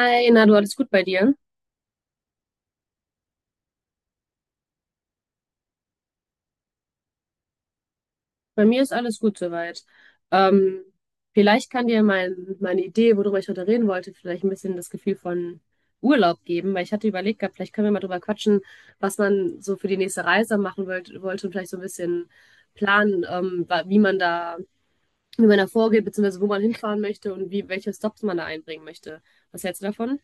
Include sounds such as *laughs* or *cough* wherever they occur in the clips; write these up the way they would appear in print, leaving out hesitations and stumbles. Hi, na du, alles gut bei dir? Bei mir ist alles gut soweit. Ähm, Vielleicht kann dir meine Idee, worüber ich heute reden wollte, vielleicht ein bisschen das Gefühl von Urlaub geben, weil ich hatte überlegt gehabt, vielleicht können wir mal drüber quatschen, was man so für die nächste Reise machen wollte und vielleicht so ein bisschen planen, wie man wie man da vorgeht, beziehungsweise wo man hinfahren möchte und wie, welche Stops man da einbringen möchte. Was hältst du davon?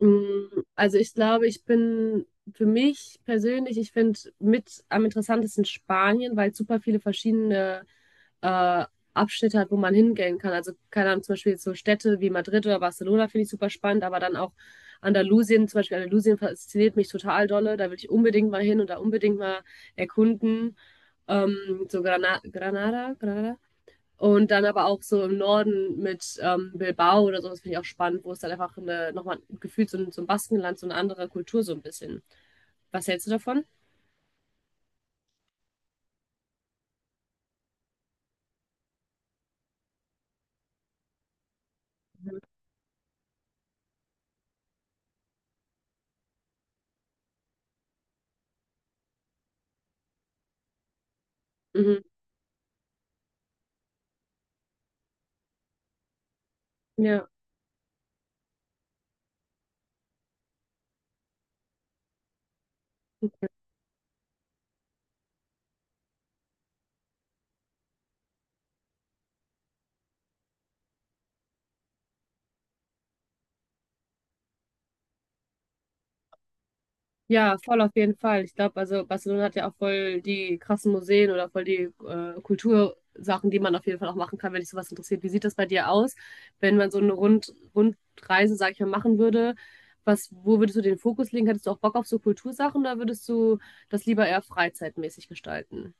Mm, also ich glaube, ich bin für mich persönlich, ich finde mit am interessantesten Spanien, weil es super viele verschiedene äh, Abschnitte hat, wo man hingehen kann. Also keine Ahnung, zum Beispiel jetzt so Städte wie Madrid oder Barcelona finde ich super spannend, aber dann auch Andalusien, zum Beispiel Andalusien fasziniert mich total dolle. Da will ich unbedingt mal hin und da unbedingt mal erkunden. Ähm, so Granada, und dann aber auch so im Norden mit Bilbao oder so, das finde ich auch spannend, wo es dann einfach nochmal gefühlt so ein Baskenland, so eine andere Kultur so ein bisschen. Was hältst du davon? Mhm. Mhm. Ja. Ja, voll auf jeden Fall. Ich glaube, also Barcelona hat ja auch voll die krassen Museen oder voll die Kultursachen, die man auf jeden Fall auch machen kann, wenn dich sowas interessiert. Wie sieht das bei dir aus, wenn man so eine Rundreise, sag ich mal, machen würde? Was, wo würdest du den Fokus legen? Hättest du auch Bock auf so Kultursachen oder würdest du das lieber eher freizeitmäßig gestalten?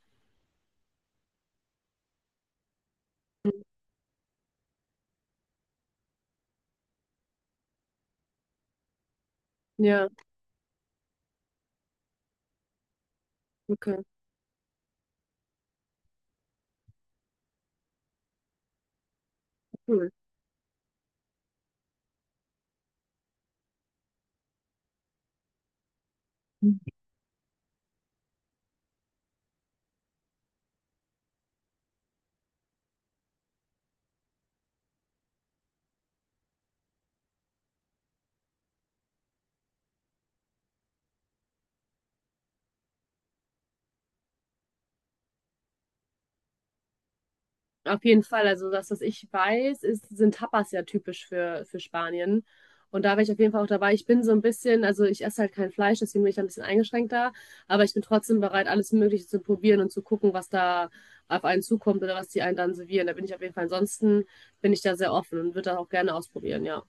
Ja, okay, cool. Auf jeden Fall, also das, was ich weiß, ist, sind Tapas ja typisch für Spanien. Und da wäre ich auf jeden Fall auch dabei. Ich bin so ein bisschen, also ich esse halt kein Fleisch, deswegen bin ich da ein bisschen eingeschränkter, aber ich bin trotzdem bereit, alles Mögliche zu probieren und zu gucken, was da auf einen zukommt oder was die einen dann servieren. Da bin ich auf jeden Fall, ansonsten bin ich da sehr offen und würde das auch gerne ausprobieren, ja.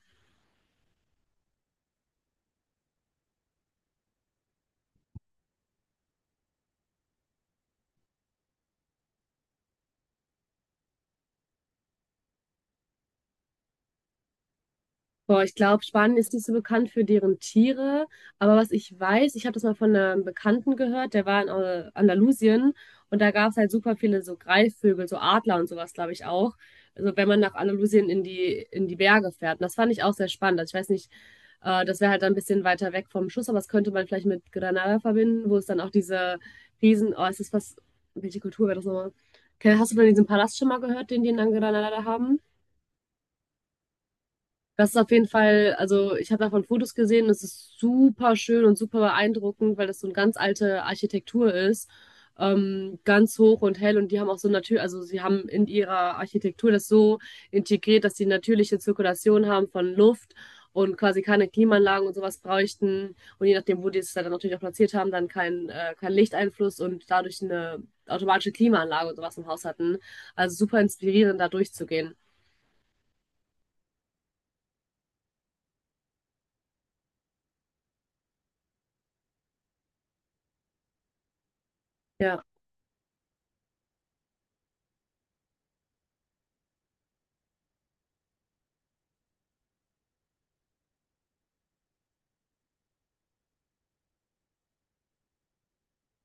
Boah, ich glaube, Spanien ist nicht so bekannt für deren Tiere, aber was ich weiß, ich habe das mal von einem Bekannten gehört, der war in Andalusien und da gab es halt super viele so Greifvögel, so Adler und sowas, glaube ich auch. Also wenn man nach Andalusien in in die Berge fährt. Und das fand ich auch sehr spannend. Also ich weiß nicht, das wäre halt dann ein bisschen weiter weg vom Schuss, aber das könnte man vielleicht mit Granada verbinden, wo es dann auch diese Riesen, oh, es ist was, welche Kultur wäre das nochmal? Hast du von diesem Palast schon mal gehört, den die in Granada da haben? Das ist auf jeden Fall, also ich habe davon Fotos gesehen, das ist super schön und super beeindruckend, weil das so eine ganz alte Architektur ist, ganz hoch und hell und die haben auch so natürlich, also sie haben in ihrer Architektur das so integriert, dass sie natürliche Zirkulation haben von Luft und quasi keine Klimaanlagen und sowas bräuchten und je nachdem, wo die es dann natürlich auch platziert haben, dann kein Lichteinfluss und dadurch eine automatische Klimaanlage und sowas im Haus hatten. Also super inspirierend, da durchzugehen. Ja.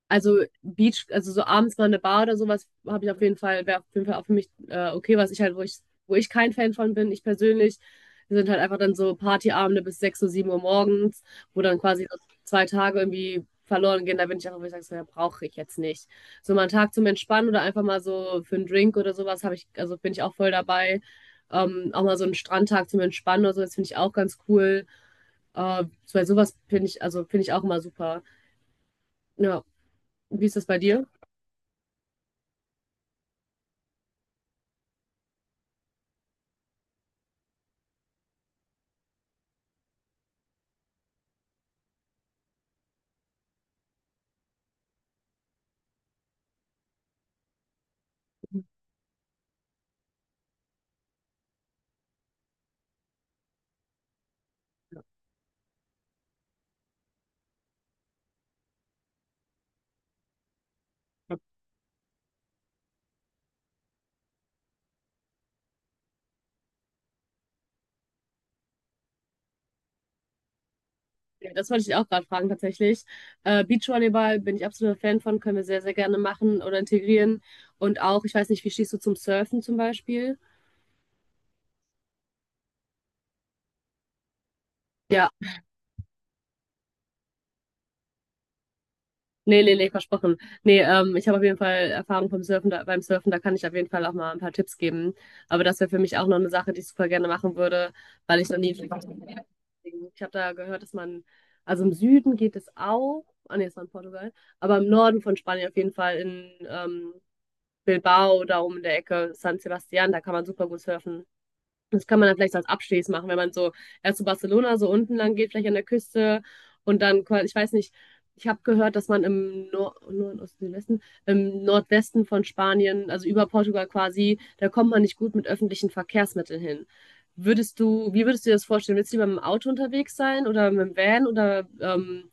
Also also so abends mal eine Bar oder sowas habe ich auf jeden Fall, wäre auf jeden Fall auch für mich okay, was ich halt, wo ich kein Fan von bin, ich persönlich, sind halt einfach dann so Partyabende bis 6 Uhr, 7 Uhr morgens, wo dann quasi so zwei Tage irgendwie verloren gehen, da bin ich einfach, wo ich sage, so, ja, brauche ich jetzt nicht. So mal einen Tag zum Entspannen oder einfach mal so für einen Drink oder sowas habe ich, also bin ich auch voll dabei. Auch mal so einen Strandtag zum Entspannen oder so, das finde ich auch ganz cool. Äh, Bei sowas finde ich, also finde ich auch immer super. Ja, wie ist das bei dir? Ja, das wollte ich auch gerade fragen, tatsächlich. Beachvolleyball bin ich absoluter Fan von, können wir sehr, sehr gerne machen oder integrieren. Und auch, ich weiß nicht, wie stehst du zum Surfen zum Beispiel? Ja, nee, nee, nee, versprochen. Nee, ich habe auf jeden Fall Erfahrung vom Surfen, beim Surfen, da kann ich auf jeden Fall auch mal ein paar Tipps geben. Aber das wäre für mich auch noch eine Sache, die ich super gerne machen würde, weil ich noch nie. Ich habe da gehört, also im Süden geht es auch, ah nee, es war in Portugal, aber im Norden von Spanien auf jeden Fall in Bilbao, da oben in der Ecke, San Sebastian, da kann man super gut surfen. Das kann man dann vielleicht so als Abstieß machen, wenn man so erst zu Barcelona so unten lang geht, vielleicht an der Küste und dann, quasi- ich weiß nicht, ich habe gehört, dass man im Nor Nord Osten, Südwesten, im Nordwesten von Spanien, also über Portugal quasi, da kommt man nicht gut mit öffentlichen Verkehrsmitteln hin. Wie würdest du dir das vorstellen? Willst du lieber mit dem Auto unterwegs sein oder mit dem Van oder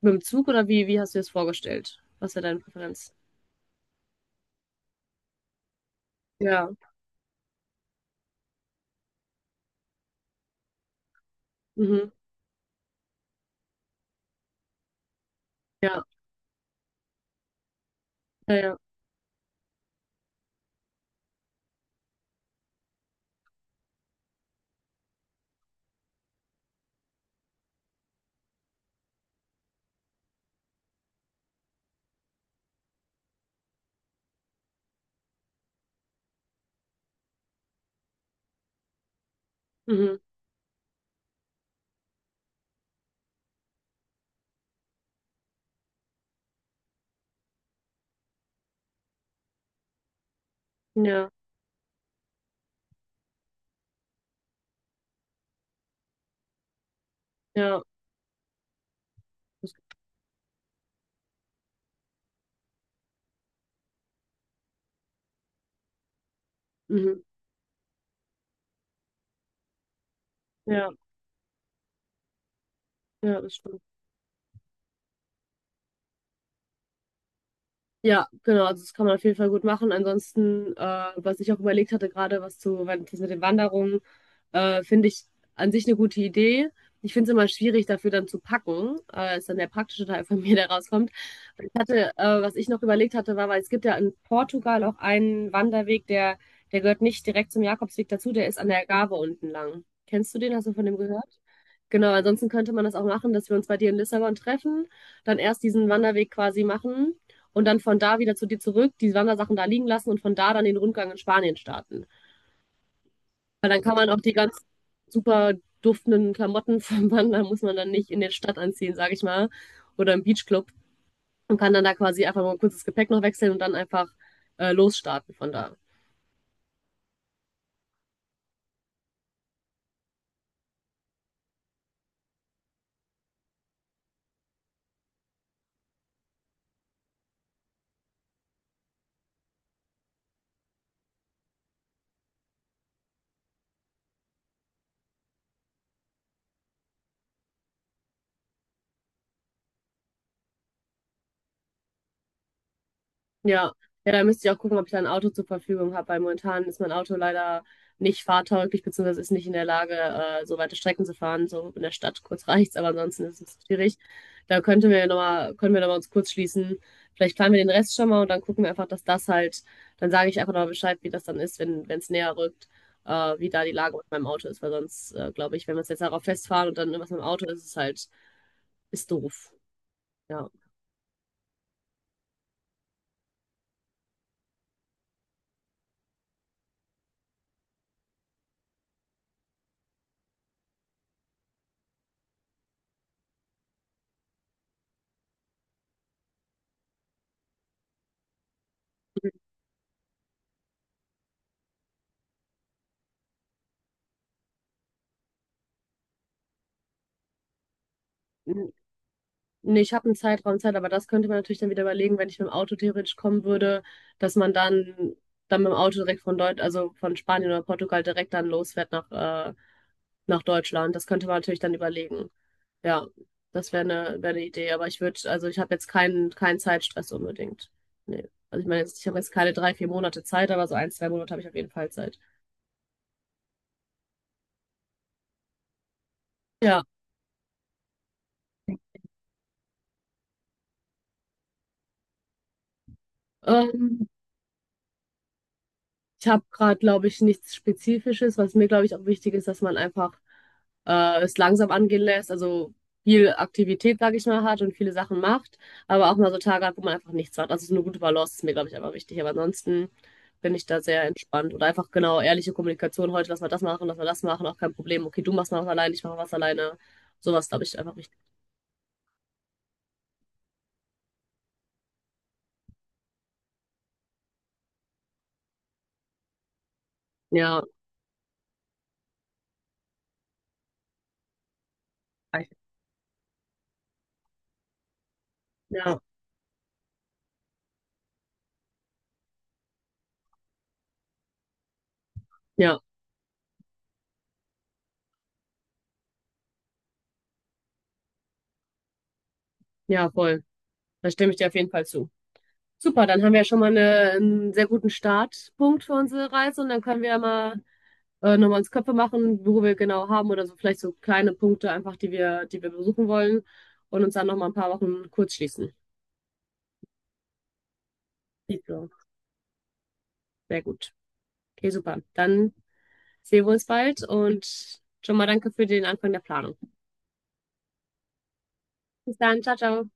mit dem Zug oder wie hast du dir das vorgestellt? Was wäre deine Präferenz? Ja. Mhm. Ja. Ja, ja. Mhm. Ja, ja. Das, mhm. Ja, ja, das stimmt. Ja, genau, also das kann man auf jeden Fall gut machen. Ansonsten, was ich auch überlegt hatte, gerade was zu, wenn- das mit den Wanderungen, finde ich an sich eine gute Idee. Ich finde es immer schwierig, dafür dann zu packen. Ist dann der praktische Teil von *laughs* mir, der rauskommt. Was ich noch überlegt hatte, war, weil es gibt ja in Portugal auch einen Wanderweg, der gehört nicht direkt zum Jakobsweg dazu, der ist an der Algarve unten lang. Kennst du den? Hast du von dem gehört? Genau, ansonsten könnte man das auch machen, dass wir uns bei dir in Lissabon treffen, dann erst diesen Wanderweg quasi machen und dann von da wieder zu dir zurück, die Wandersachen da liegen lassen und von da dann den Rundgang in Spanien starten. Weil dann kann man auch die ganz super duftenden Klamotten *laughs* vom Wandern, muss man dann nicht in der Stadt anziehen, sag ich mal, oder im Beachclub und kann dann da quasi einfach mal ein kurzes Gepäck noch wechseln und dann einfach losstarten von da. Ja. Ja, da müsste ich auch gucken, ob ich da ein Auto zur Verfügung habe, weil momentan ist mein Auto leider nicht fahrtauglich, beziehungsweise ist nicht in der Lage, so weite Strecken zu fahren. So in der Stadt kurz reicht's, aber ansonsten ist es schwierig. Da könnten wir nochmal, können wir nochmal uns kurz schließen. Vielleicht planen wir den Rest schon mal und dann gucken wir einfach, dann sage ich einfach nochmal Bescheid, wie das dann ist, wenn es näher rückt, wie da die Lage mit meinem Auto ist, weil sonst, glaube ich, wenn wir uns jetzt darauf festfahren und dann irgendwas mit dem Auto ist, ist es halt ist doof. Ja. N- Nee, ich habe einen Zeit, aber das könnte man natürlich dann wieder überlegen, wenn ich mit dem Auto theoretisch kommen würde, dass man dann, dann mit dem Auto direkt von also von Spanien oder Portugal direkt dann losfährt nach, nach Deutschland. Das könnte man natürlich dann überlegen. Ja, das wäre wär eine Idee. Aber ich würde, also ich habe jetzt keinen Zeitstress unbedingt. Nee. Also ich meine jetzt, ich habe jetzt keine drei, vier Monate Zeit, aber so ein, zwei Monate habe ich auf jeden Fall Zeit. Ja. Ähm, Ich habe gerade, glaube ich, nichts Spezifisches, was mir, glaube ich, auch wichtig ist, dass man einfach es langsam angehen lässt, also viel Aktivität, sage ich mal, hat und viele Sachen macht, aber auch mal so Tage hat, wo man einfach nichts macht. Also so eine gute Balance ist mir, glaube ich, einfach wichtig. Aber ansonsten bin ich da sehr entspannt oder einfach genau ehrliche Kommunikation. Heute lass mal das machen, lass mal das machen, auch kein Problem. Okay, du machst mal was alleine, ich mache was alleine. Sowas, glaube ich, einfach wichtig. Ja, ja, ja, ja, voll. Da stimme ich dir auf jeden Fall zu. Super, dann haben wir ja schon mal einen sehr guten Startpunkt für unsere Reise und dann können wir ja mal nochmal uns Köpfe machen, wo wir genau haben oder so vielleicht so kleine Punkte einfach, die wir besuchen wollen und uns dann nochmal ein paar Wochen kurz schließen. Sieht so, sehr gut. Okay, super. Dann sehen wir uns bald und schon mal danke für den Anfang der Planung. Bis dann, ciao, ciao.